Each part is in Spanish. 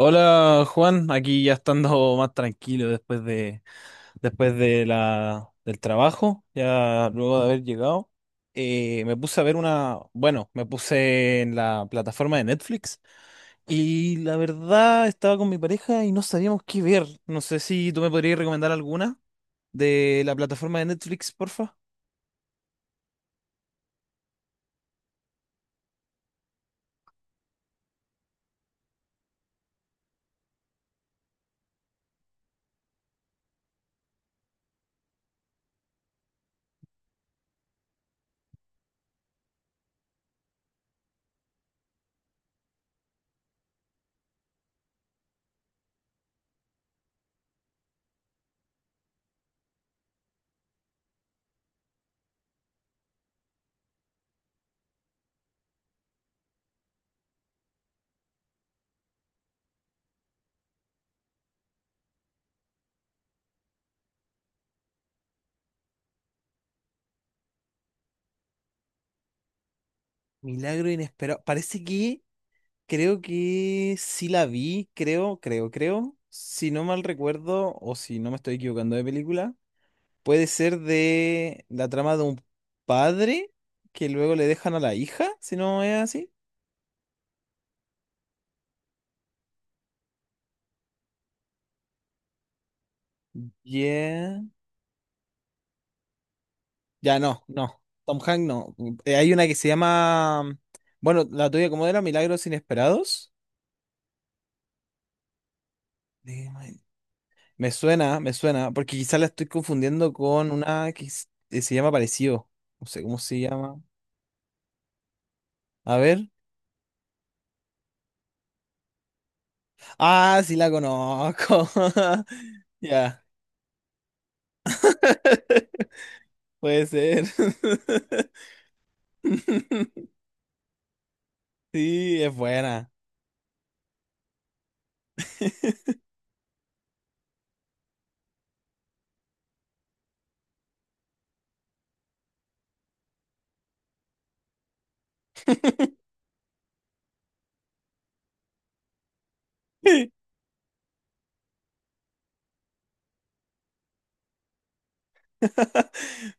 Hola Juan, aquí ya estando más tranquilo después de la del trabajo, ya luego de haber llegado, me puse a ver una, bueno, me puse en la plataforma de Netflix y la verdad estaba con mi pareja y no sabíamos qué ver. No sé si tú me podrías recomendar alguna de la plataforma de Netflix, porfa. Milagro inesperado. Parece que creo que sí la vi, creo. Si no mal recuerdo o si no me estoy equivocando de película. Puede ser de la trama de un padre que luego le dejan a la hija, si no es así. Yeah. Ya no, no. Tom Hanks no. Hay una que se llama. Bueno, la tuya, ¿cómo era? Milagros Inesperados. De- me suena, me suena, porque quizás la estoy confundiendo con una que se llama parecido. No sé cómo se llama. A ver. Ah, sí la conozco. Ya, puede ser. Sí, es buena.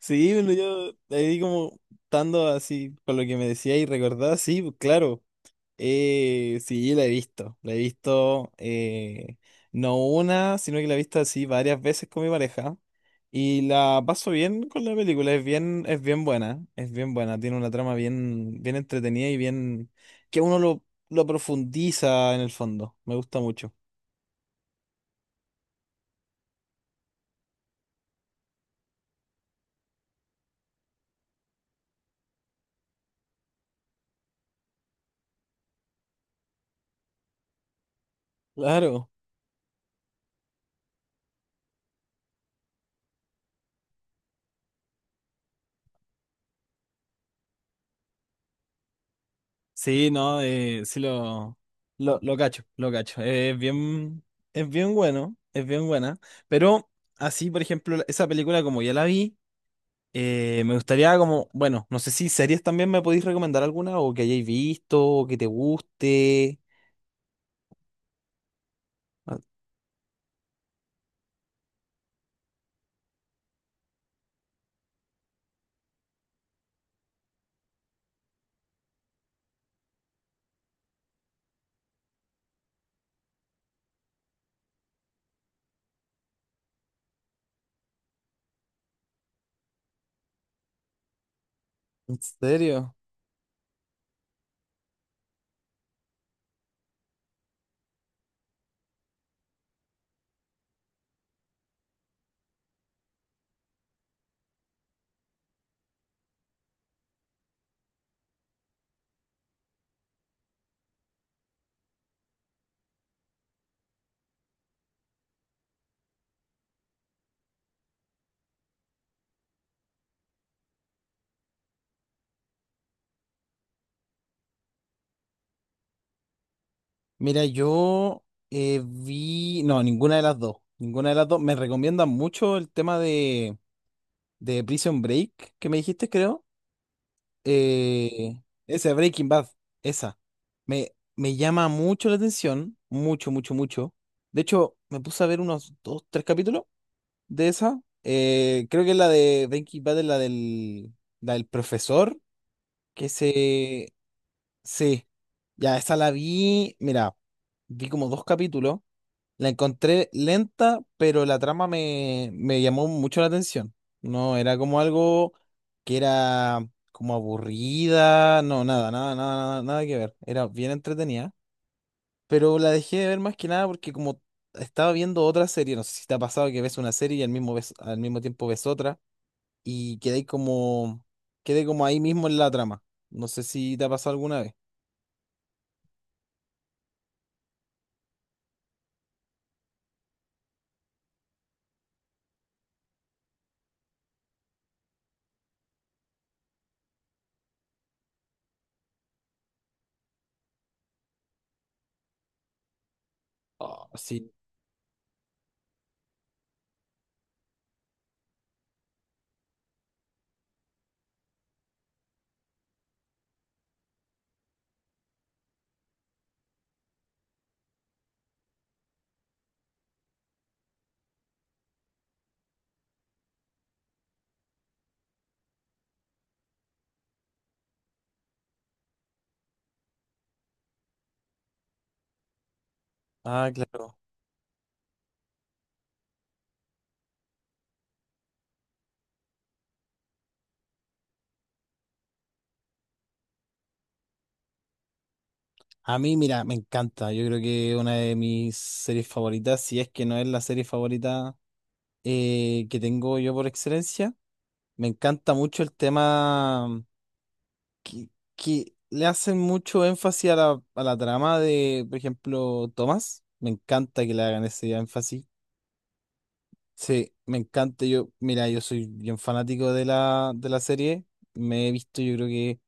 Sí, bueno, yo ahí como estando así con lo que me decía y recordaba, sí, pues, claro, sí, la he visto no una, sino que la he visto así varias veces con mi pareja y la paso bien con la película, es bien buena, tiene una trama bien, bien entretenida y bien que lo profundiza en el fondo, me gusta mucho. Claro. Sí, no, lo cacho, lo cacho. Es bien bueno, es bien buena. Pero así, por ejemplo, esa película como ya la vi, me gustaría como, bueno, no sé si series también me podéis recomendar alguna o que hayáis visto o que te guste. Ah, ¿en serio? Mira, yo vi, no, ninguna de las dos. Me recomiendan mucho el tema de Prison Break que me dijiste, creo. Esa, Breaking Bad, esa. Me llama mucho la atención, mucho, mucho, mucho. De hecho, me puse a ver unos dos, tres capítulos de esa. Creo que es la de Breaking Bad es la del profesor, que se... Sí, ya, esa la vi, mira, vi como dos capítulos. La encontré lenta, pero me llamó mucho la atención. No, era como algo que era como aburrida, no, nada que ver. Era bien entretenida, pero la dejé de ver más que nada porque como estaba viendo otra serie, no sé si te ha pasado que ves una serie y al mismo, al mismo tiempo ves otra y quedé como ahí mismo en la trama. No sé si te ha pasado alguna vez. Oh, sí. Ah, claro. A mí, mira, me encanta. Yo creo que una de mis series favoritas, si es que no es la serie favorita que tengo yo por excelencia, me encanta mucho el tema que, que le hacen mucho énfasis a la trama de, por ejemplo, Tomás. Me encanta que le hagan ese énfasis. Sí, me encanta. Yo, mira, yo soy bien fanático de la serie. Me he visto, yo creo que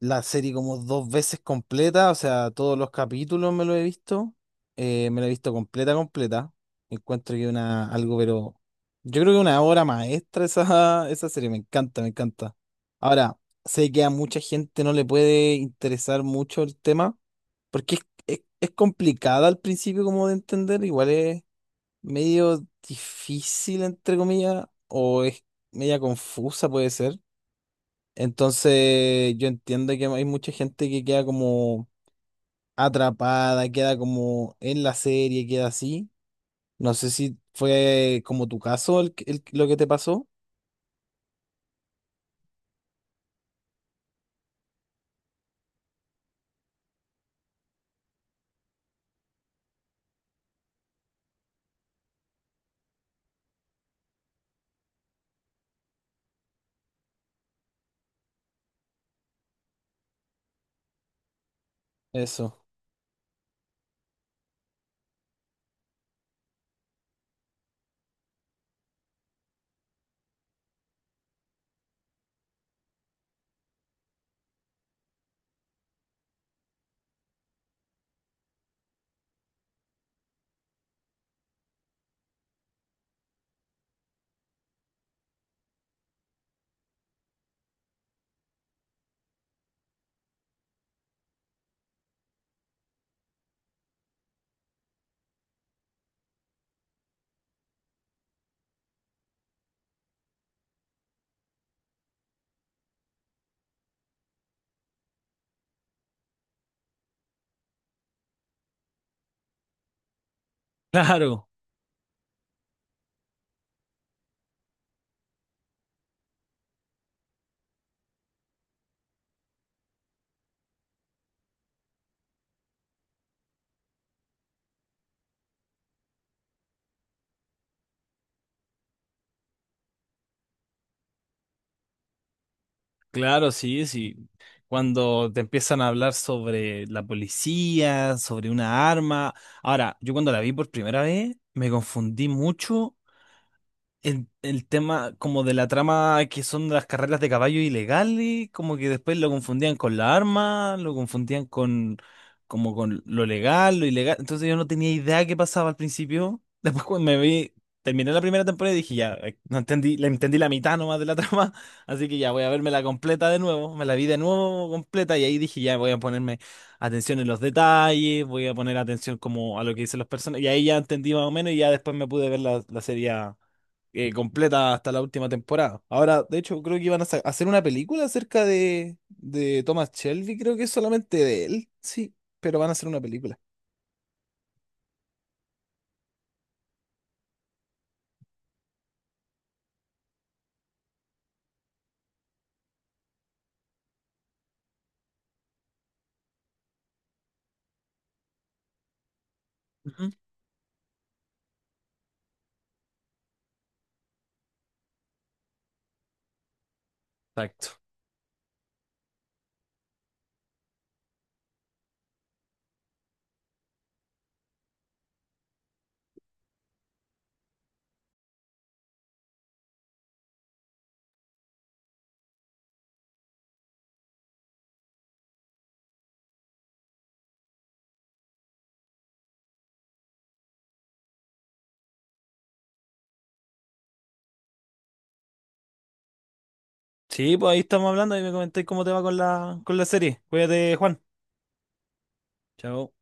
la serie como dos veces completa, o sea, todos los capítulos me lo he visto, me lo he visto completa, completa. Encuentro que una, algo, pero yo creo que una obra maestra esa, esa serie, me encanta, me encanta. Ahora, sé que a mucha gente no le puede interesar mucho el tema, porque es complicada al principio como de entender, igual es medio difícil, entre comillas, o es media confusa, puede ser. Entonces, yo entiendo que hay mucha gente que queda como atrapada, queda como en la serie, queda así. No sé si fue como tu caso lo que te pasó. Eso. Claro, claro, sí, sí. Cuando te empiezan a hablar sobre la policía, sobre una arma. Ahora, yo cuando la vi por primera vez, me confundí mucho el tema como de la trama que son las carreras de caballo ilegales, como que después lo confundían con la arma, lo confundían con como con lo legal, lo ilegal. Entonces yo no tenía idea qué pasaba al principio. Después cuando me vi, terminé la primera temporada y dije, ya, no entendí, le entendí la mitad nomás de la trama, así que ya voy a verme la completa de nuevo, me la vi de nuevo completa y ahí dije, ya voy a ponerme atención en los detalles, voy a poner atención como a lo que dicen las personas y ahí ya entendí más o menos y ya después me pude ver la serie completa hasta la última temporada. Ahora, de hecho, creo que iban a hacer una película acerca de Thomas Shelby, creo que es solamente de él, sí, pero van a hacer una película. Ujú. Exacto. Sí, pues ahí estamos hablando y me comentáis cómo te va con con la serie. Cuídate, Juan. Chao.